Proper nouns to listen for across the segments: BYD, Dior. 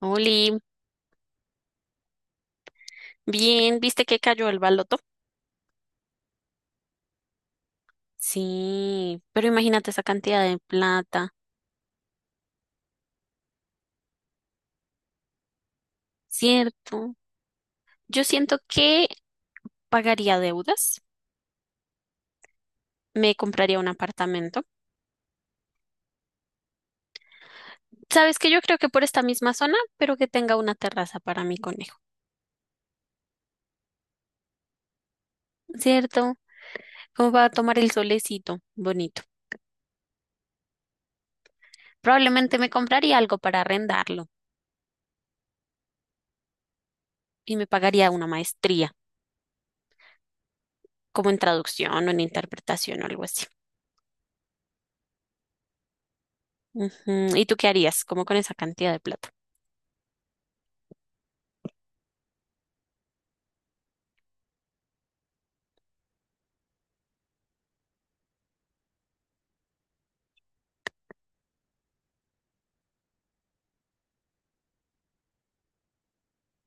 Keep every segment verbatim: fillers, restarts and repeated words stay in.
Oli, bien, ¿viste que cayó el baloto? Sí, pero imagínate esa cantidad de plata, ¿cierto? Yo siento que pagaría deudas, me compraría un apartamento. ¿Sabes que yo creo que por esta misma zona, pero que tenga una terraza para mi conejo, ¿cierto? Como para tomar el solecito, bonito. Probablemente me compraría algo para arrendarlo y me pagaría una maestría, como en traducción o en interpretación o algo así. Ujú. ¿Y tú qué harías? ¿Cómo con esa cantidad de plata?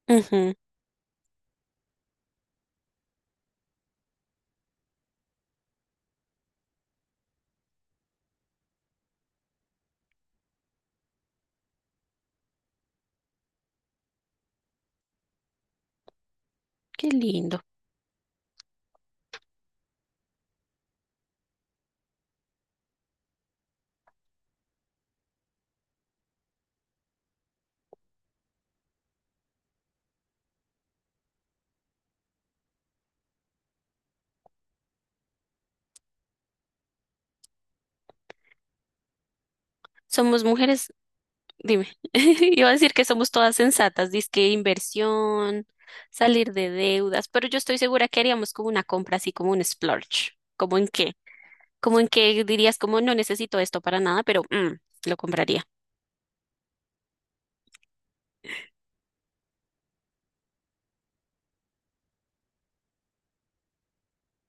Ujú. Qué lindo. Somos mujeres. Dime, iba a decir que somos todas sensatas, dizque inversión, salir de deudas, pero yo estoy segura que haríamos como una compra así como un splurge. ¿Cómo en qué? ¿Cómo en qué dirías como no necesito esto para nada, pero mm, lo compraría?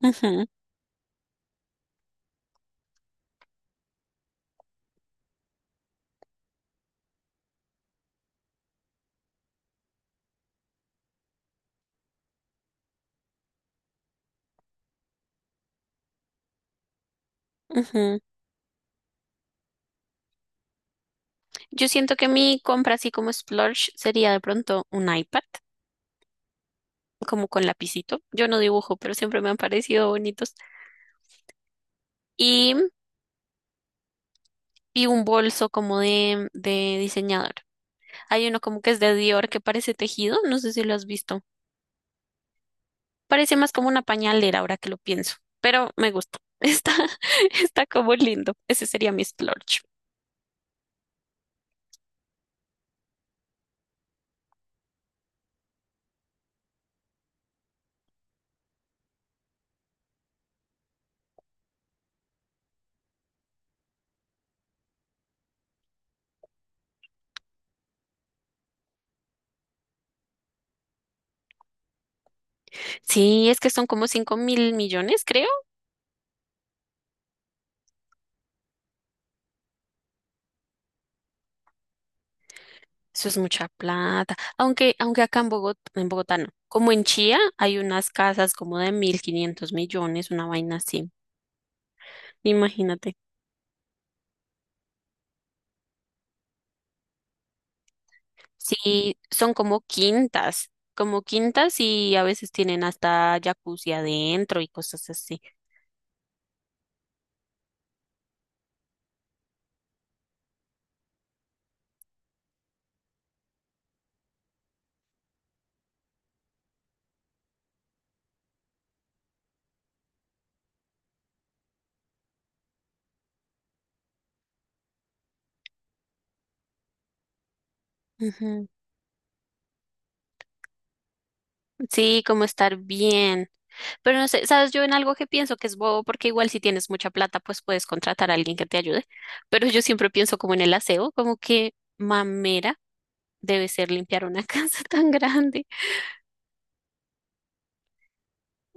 Ujú, ujú. Yo siento que mi compra así como splurge sería de pronto un iPad, como con lapicito. Yo no dibujo, pero siempre me han parecido bonitos. Y, y un bolso como de, de diseñador. Hay uno como que es de Dior que parece tejido, no sé si lo has visto. Parece más como una pañalera ahora que lo pienso, pero me gusta. Está, está como lindo. Ese sería mi splurge. Sí, es que son como cinco mil millones, creo. Eso es mucha plata. Aunque, aunque acá en Bogotá, en Bogotá no. Como en Chía hay unas casas como de mil quinientos millones, una vaina así. Imagínate. Sí, son como quintas, como quintas y a veces tienen hasta jacuzzi adentro y cosas así. Ujú. Sí, como estar bien. Pero no sé, sabes, yo en algo que pienso que es bobo, porque igual si tienes mucha plata, pues puedes contratar a alguien que te ayude. Pero yo siempre pienso como en el aseo, como que mamera debe ser limpiar una casa tan grande.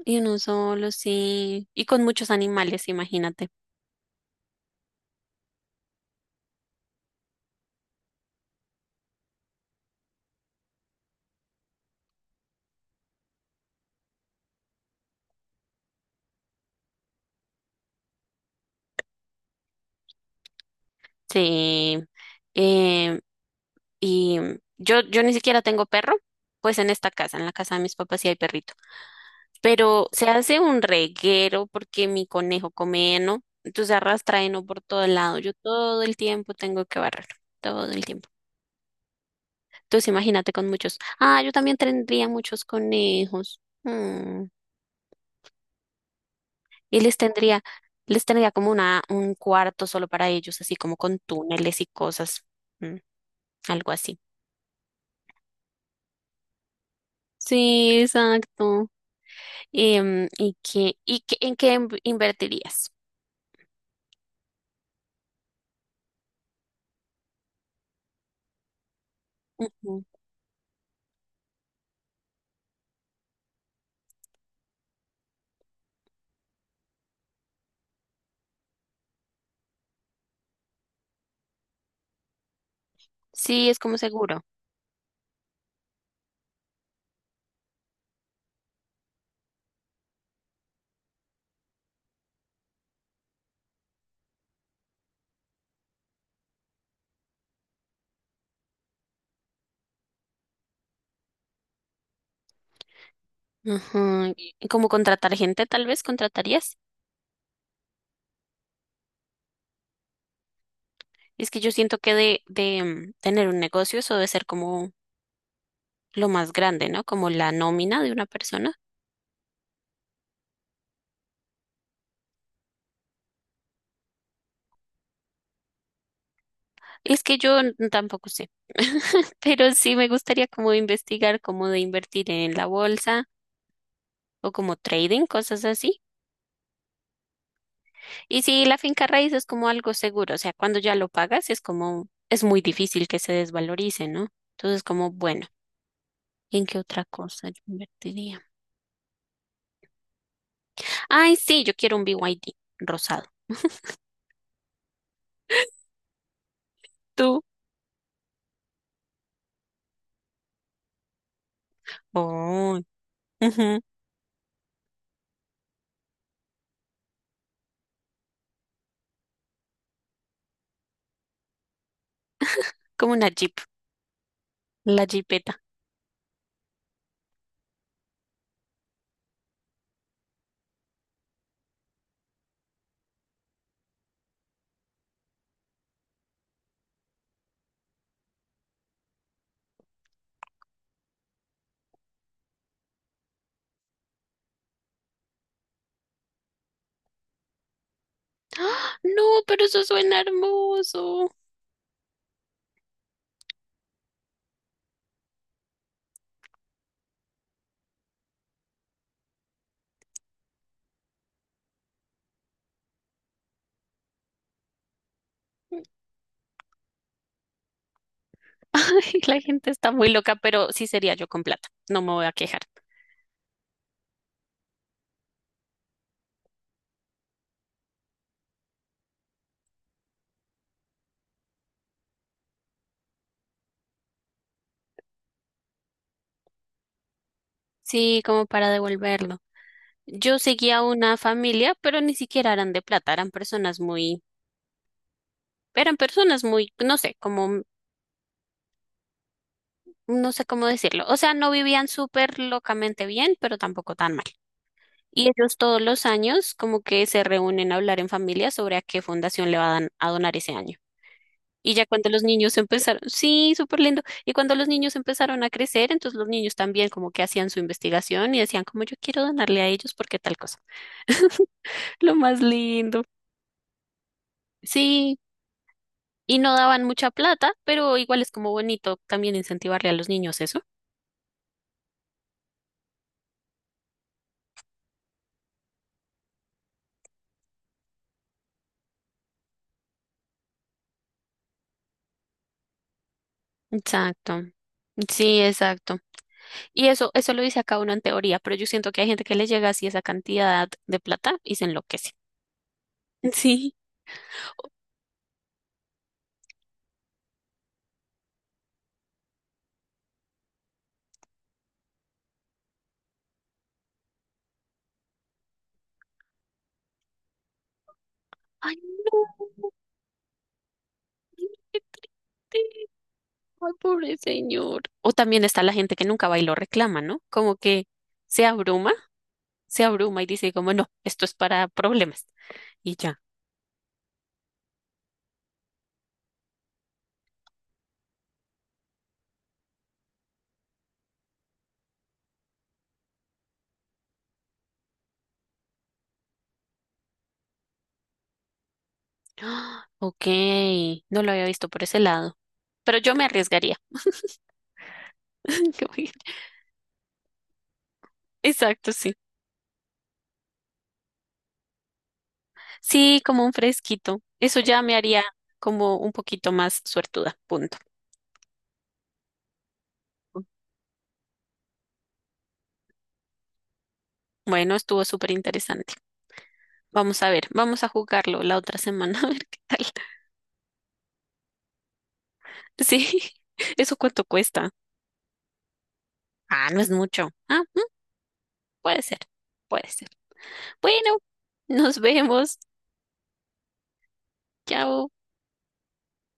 Y uno solo, sí. Y con muchos animales, imagínate. Sí. Eh, y yo, yo ni siquiera tengo perro, pues en esta casa, en la casa de mis papás sí hay perrito. Pero se hace un reguero porque mi conejo come heno, entonces arrastra heno por todo el lado. Yo todo el tiempo tengo que barrerlo, todo el tiempo. Entonces imagínate con muchos. Ah, yo también tendría muchos conejos. Mm. Y les tendría, les tendría como una, un cuarto solo para ellos, así como con túneles y cosas, mm, algo así. Sí, exacto. Em, ¿y qué, y qué, en qué inv- invertirías? Ujú. Sí, es como seguro. Ajá, y- y como contratar gente, tal vez contratarías. Es que yo siento que de, de mm, tener un negocio eso debe ser como lo más grande, ¿no? Como la nómina de una persona. Es que yo n- tampoco sé, pero sí me gustaría como investigar cómo de invertir en la bolsa o como trading, cosas así. Y sí, la finca raíz es como algo seguro, o sea, cuando ya lo pagas es como, es muy difícil que se desvalorice, ¿no? Entonces, como, bueno, ¿en qué otra cosa yo invertiría? Ay, sí, yo quiero un B Y D rosado. ¿Tú? Oh, ujú, como una Jeep, la Jeepeta. No, pero eso suena hermoso. Ay, la gente está muy loca, pero sí sería yo con plata. No me voy a quejar. Sí, como para devolverlo. Yo seguía una familia, pero ni siquiera eran de plata, eran personas muy, eran personas muy, no sé, como, no sé cómo decirlo. O sea, no vivían súper locamente bien, pero tampoco tan mal. Y ellos todos los años como que se reúnen a hablar en familia sobre a qué fundación le van a donar ese año. Y ya cuando los niños empezaron, sí, súper lindo. Y cuando los niños empezaron a crecer, entonces los niños también como que hacían su investigación y decían como yo quiero donarle a ellos porque tal cosa. Lo más lindo. Sí, y no daban mucha plata, pero igual es como bonito también incentivarle a los niños eso. Exacto. Sí, exacto. Y eso, eso lo dice acá uno en teoría, pero yo siento que hay gente que le llega así esa cantidad de plata y se enloquece. Sí. Ay, no, qué triste. Ay, pobre señor. O también está la gente que nunca va y lo reclama, ¿no? Como que se abruma, se abruma y dice como, no, esto es para problemas. Y ya. Ah, Ok, no lo había visto por ese lado. Pero yo me arriesgaría. Como que- Exacto, sí. Sí, como un fresquito. Eso ya me haría como un poquito más suertuda. Punto. Bueno, estuvo súper interesante. Vamos a ver, vamos a jugarlo la otra semana, a ver qué tal. Sí, ¿eso cuánto cuesta? Ah, no es mucho. Ah, mm, puede ser, puede ser. Bueno, nos vemos. Chao.